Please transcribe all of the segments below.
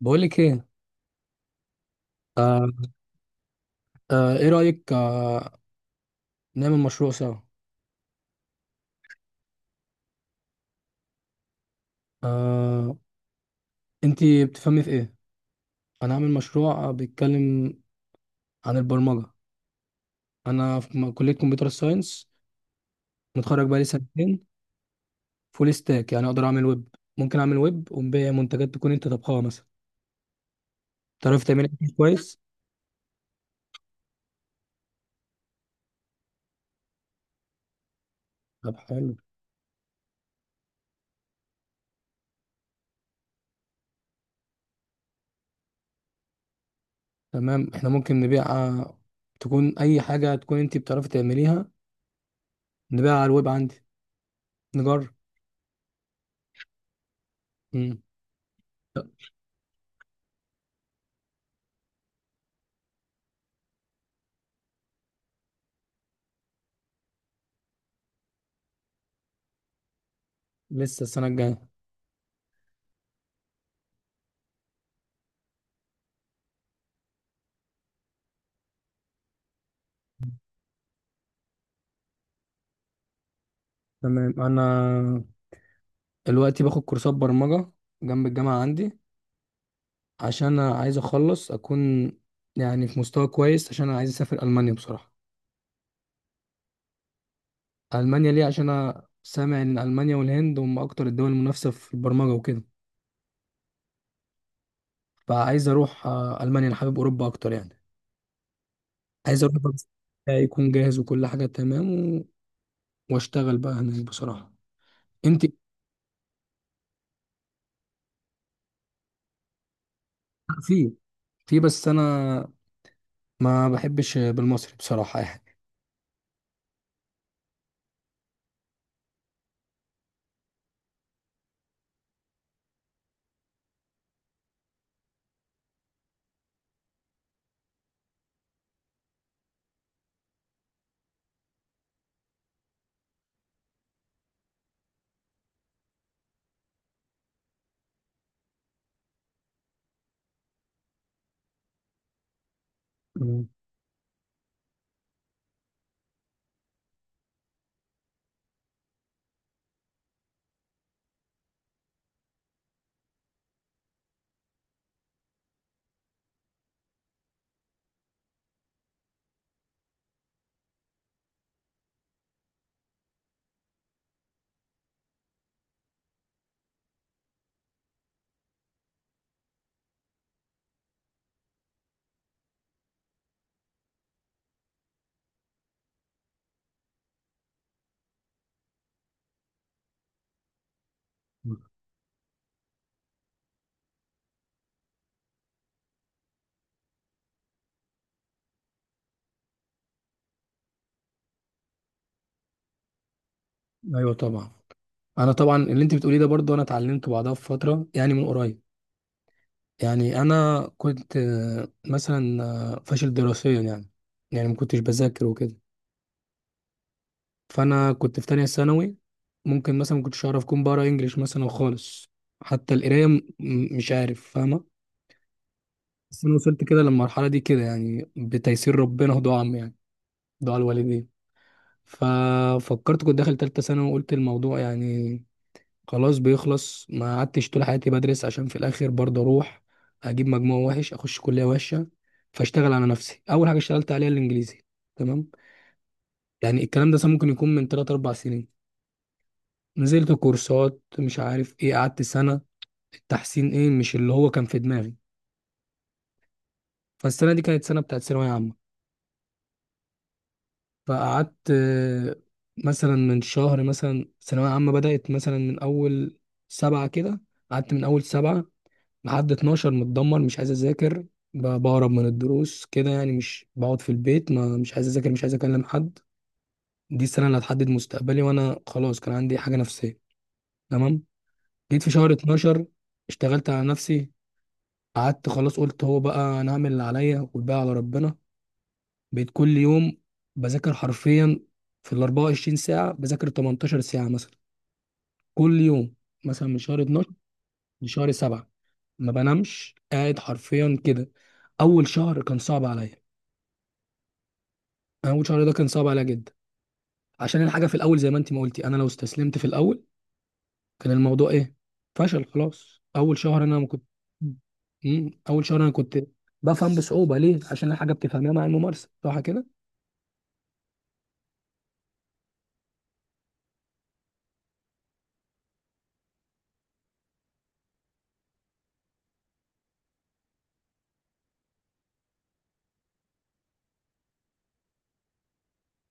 بقولك ايه. آه. ايه رأيك، نعمل مشروع سوا. آه، انتي بتفهمي في ايه؟ انا عامل مشروع، بيتكلم عن البرمجة. انا في كلية كمبيوتر ساينس، متخرج بقالي سنتين. فول ستاك، يعني اقدر اعمل ويب. ممكن اعمل ويب ونبيع منتجات تكون انت طبخها مثلا، تعرف تعمل اكل كويس. طب حلو. تمام، احنا ممكن نبيع، تكون اي حاجة تكون انتي بتعرفي تعمليها، نبيعها على الويب عندي، نجرب. مم. لسه السنة الجاية. تمام، انا دلوقتي باخد كورسات برمجة جنب الجامعة، عندي عشان أنا عايز أخلص أكون يعني في مستوى كويس، عشان أنا عايز أسافر ألمانيا بصراحة. ألمانيا ليه؟ عشان أنا سامع إن ألمانيا والهند هم أكتر الدول المنافسة في البرمجة وكده. فعايز أروح، ألمانيا. أنا حابب أوروبا أكتر يعني. عايز أروح، بس يكون جاهز وكل حاجة تمام، و... وأشتغل بقى هناك بصراحة. أنت. في في بس أنا ما بحبش بالمصري بصراحة يعني. أمم. أيوه طبعا. انا طبعا اللي انت بتقوليه ده، برضو انا اتعلمت بعدها في فتره يعني، من قريب. يعني انا كنت، مثلا فاشل دراسيا يعني، يعني ما كنتش بذاكر وكده. فانا كنت في تانية ثانوي. ممكن مثلا ما كنتش اعرف اكون بقرا انجليش مثلا خالص، حتى القرايه مش عارف فاهمه. بس انا وصلت كده للمرحله دي كده يعني بتيسير ربنا ودعاء عم يعني، دعاء الوالدين. ففكرت، كنت داخل تالتة ثانوي وقلت الموضوع يعني خلاص بيخلص، ما قعدتش طول حياتي بدرس عشان في الاخر برضه اروح اجيب مجموع وحش، اخش كليه وحشه. فاشتغل على نفسي، اول حاجه اشتغلت عليها الانجليزي. تمام. يعني الكلام ده مثلا ممكن يكون من 3 4 سنين، نزلت كورسات مش عارف ايه، قعدت سنه. التحسين ايه، مش اللي هو كان في دماغي. فالسنه دي كانت سنه بتاعت ثانويه عامه. فقعدت، مثلا من شهر، مثلا ثانويه عامه بدات مثلا من اول 7 كده، قعدت من اول 7 لحد 12، متدمر مش عايز اذاكر، بهرب من الدروس كده يعني، مش بقعد في البيت، ما مش عايز اذاكر مش عايز اكلم حد. دي السنه اللي هتحدد مستقبلي، وانا خلاص كان عندي حاجه نفسيه. تمام. جيت في شهر 12، اشتغلت على نفسي. قعدت خلاص، قلت هو بقى انا هعمل اللي عليا والباقي على ربنا. بقيت كل يوم بذاكر حرفيا في ال 24 ساعه بذاكر 18 ساعه مثلا، كل يوم، مثلا من شهر 12 لشهر 7، ما بنامش، قاعد حرفيا كده. اول شهر كان صعب عليا. انا اول شهر ده كان صعب عليا جدا، عشان الحاجه في الاول، زي ما انت ما قلتي، انا لو استسلمت في الاول كان الموضوع ايه؟ فشل. خلاص، اول شهر انا ما كنت. مم. اول شهر انا كنت بفهم بصعوبه، ليه؟ عشان الحاجه بتفهمها مع الممارسه، صح كده.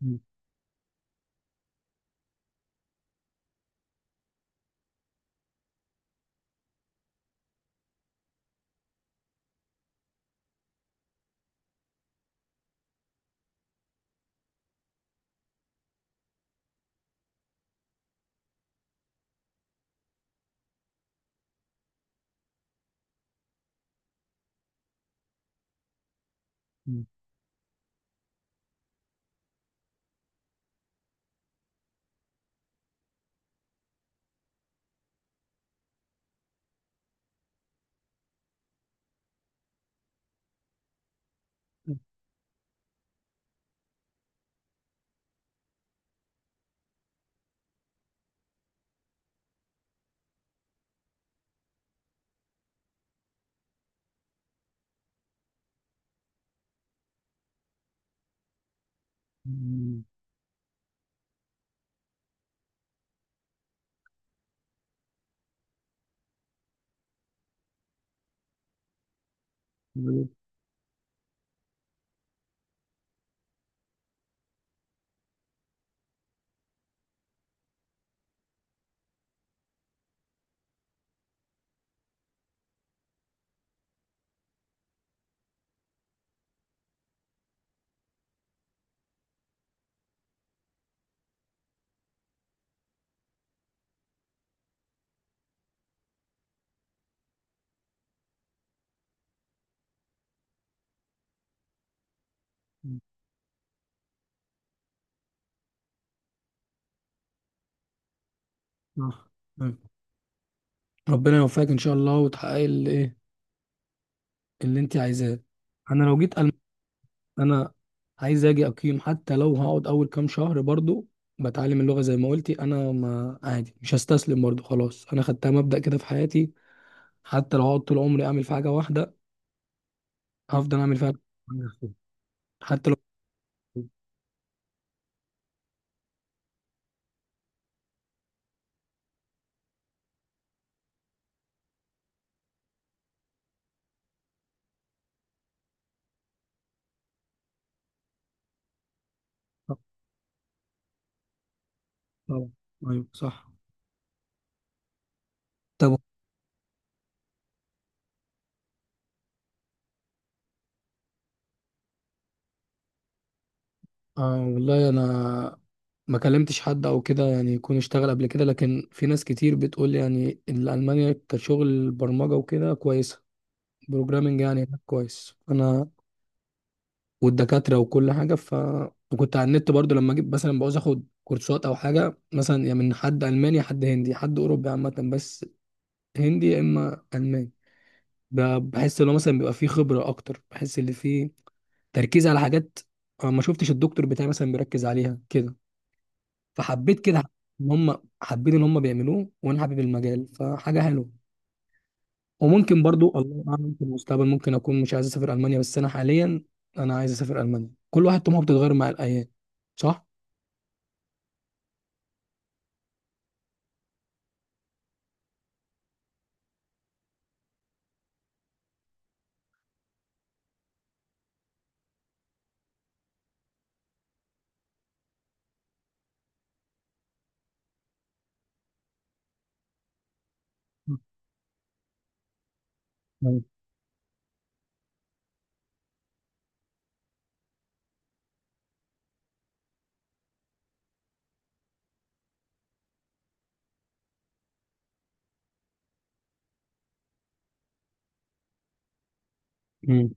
مم. مم. مم. مم. صح. مم. ربنا يوفقك ان شاء الله وتحققي اللي ايه، اللي انت عايزاه. انا لو جيت. انا عايز اجي اقيم، حتى لو هقعد اول كام شهر برضو بتعلم اللغه زي ما قلتي. انا ما عادي، مش هستسلم برضو، خلاص انا خدتها مبدأ كده في حياتي. حتى لو هقعد طول عمري اعمل في حاجه واحده، هفضل اعمل فيها. حتى لو. طبعا. ايوه صح. طب. والله انا ما كلمتش حد او كده يعني يكون اشتغل قبل كده، لكن في ناس كتير بتقول لي يعني ان المانيا كشغل برمجه وكده كويسه. بروجرامنج يعني هناك كويس، انا، والدكاترة وكل حاجة ف. وكنت على النت برضو لما جيت مثلا بعوز اخد كورسات او حاجة مثلا، يا من حد ألماني يا حد هندي، حد أوروبي عامة، بس هندي يا إما ألماني. ب- بحس إن هو مثلا بيبقى فيه خبرة أكتر، بحس إن فيه تركيز على حاجات أنا ما شفتش الدكتور بتاعي مثلا بيركز عليها كده، فحبيت كده إن هم حابين إن هم بيعملوه، وأنا حابب المجال، فحاجة حلوة. وممكن برضو الله أعلم في المستقبل ممكن أكون مش عايز أسافر ألمانيا، بس أنا حاليا أنا عايز أسافر ألمانيا. كل واحد طموحه بتتغير مع الأيام، صح؟ مم. مم.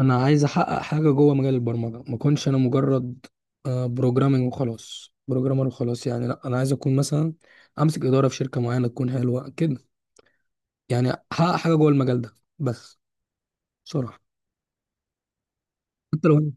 انا عايز احقق حاجه جوه مجال البرمجه، ما اكونش انا مجرد بروجرامنج وخلاص، بروجرامر وخلاص يعني. لا، انا عايز اكون مثلا امسك اداره في شركه معينه تكون حلوه كده يعني، احقق حاجه جوه المجال ده بس، بصراحه. حتى لو.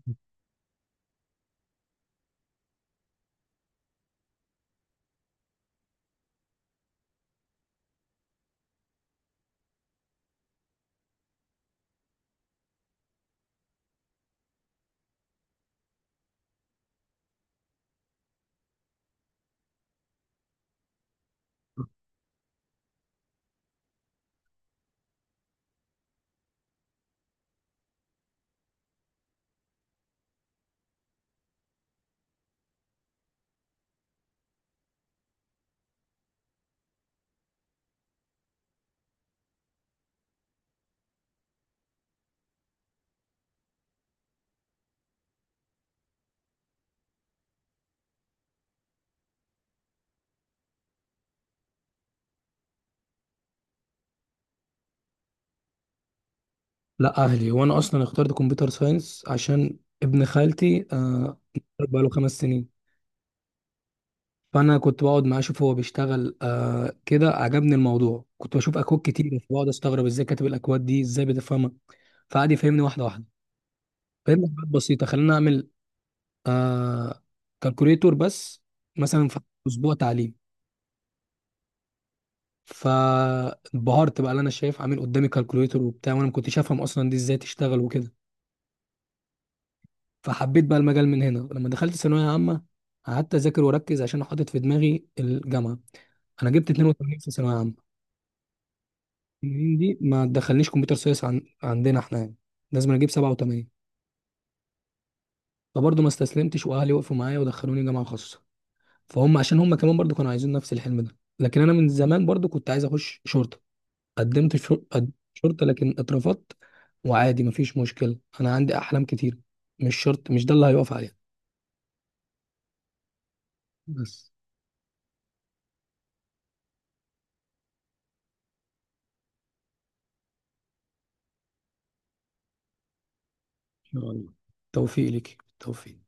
لا، اهلي وانا اصلا اخترت كمبيوتر ساينس عشان ابن خالتي، بقاله 5 سنين. فانا كنت بقعد معاه اشوف هو بيشتغل، كده عجبني الموضوع. كنت بشوف اكواد كتير، بقعد استغرب ازاي كاتب الاكواد دي، ازاي بتفهمها. فقعد يفهمني واحده واحده. فهمنا حاجات بسيطة، خلينا أعمل، آه كالكوليتور بس مثلا في أسبوع تعليم. فانبهرت بقى اللي أنا شايف عامل قدامي كالكوليتور وبتاع، وأنا ما كنتش أفهم أصلا دي إزاي تشتغل وكده. فحبيت بقى المجال من هنا، لما دخلت ثانوية عامة قعدت أذاكر وأركز عشان حاطط في دماغي الجامعة. أنا جبت 82 في ثانوية عامة. 82 دي ما تدخلنيش كمبيوتر ساينس، عندنا إحنا يعني لازم أنا أجيب 87. فبرضه ما استسلمتش، وأهلي وقفوا معايا ودخلوني جامعة خاصة، فهم عشان هم كمان برضو كانوا عايزين نفس الحلم ده. لكن انا من زمان برضو كنت عايز اخش شرطه. قدمت شرطه لكن اترفضت. وعادي، مفيش مشكله، انا عندي احلام كتير، مش شرط مش ده اللي هيقف عليها بس. ان شاء الله توفيق ليك، توفيق.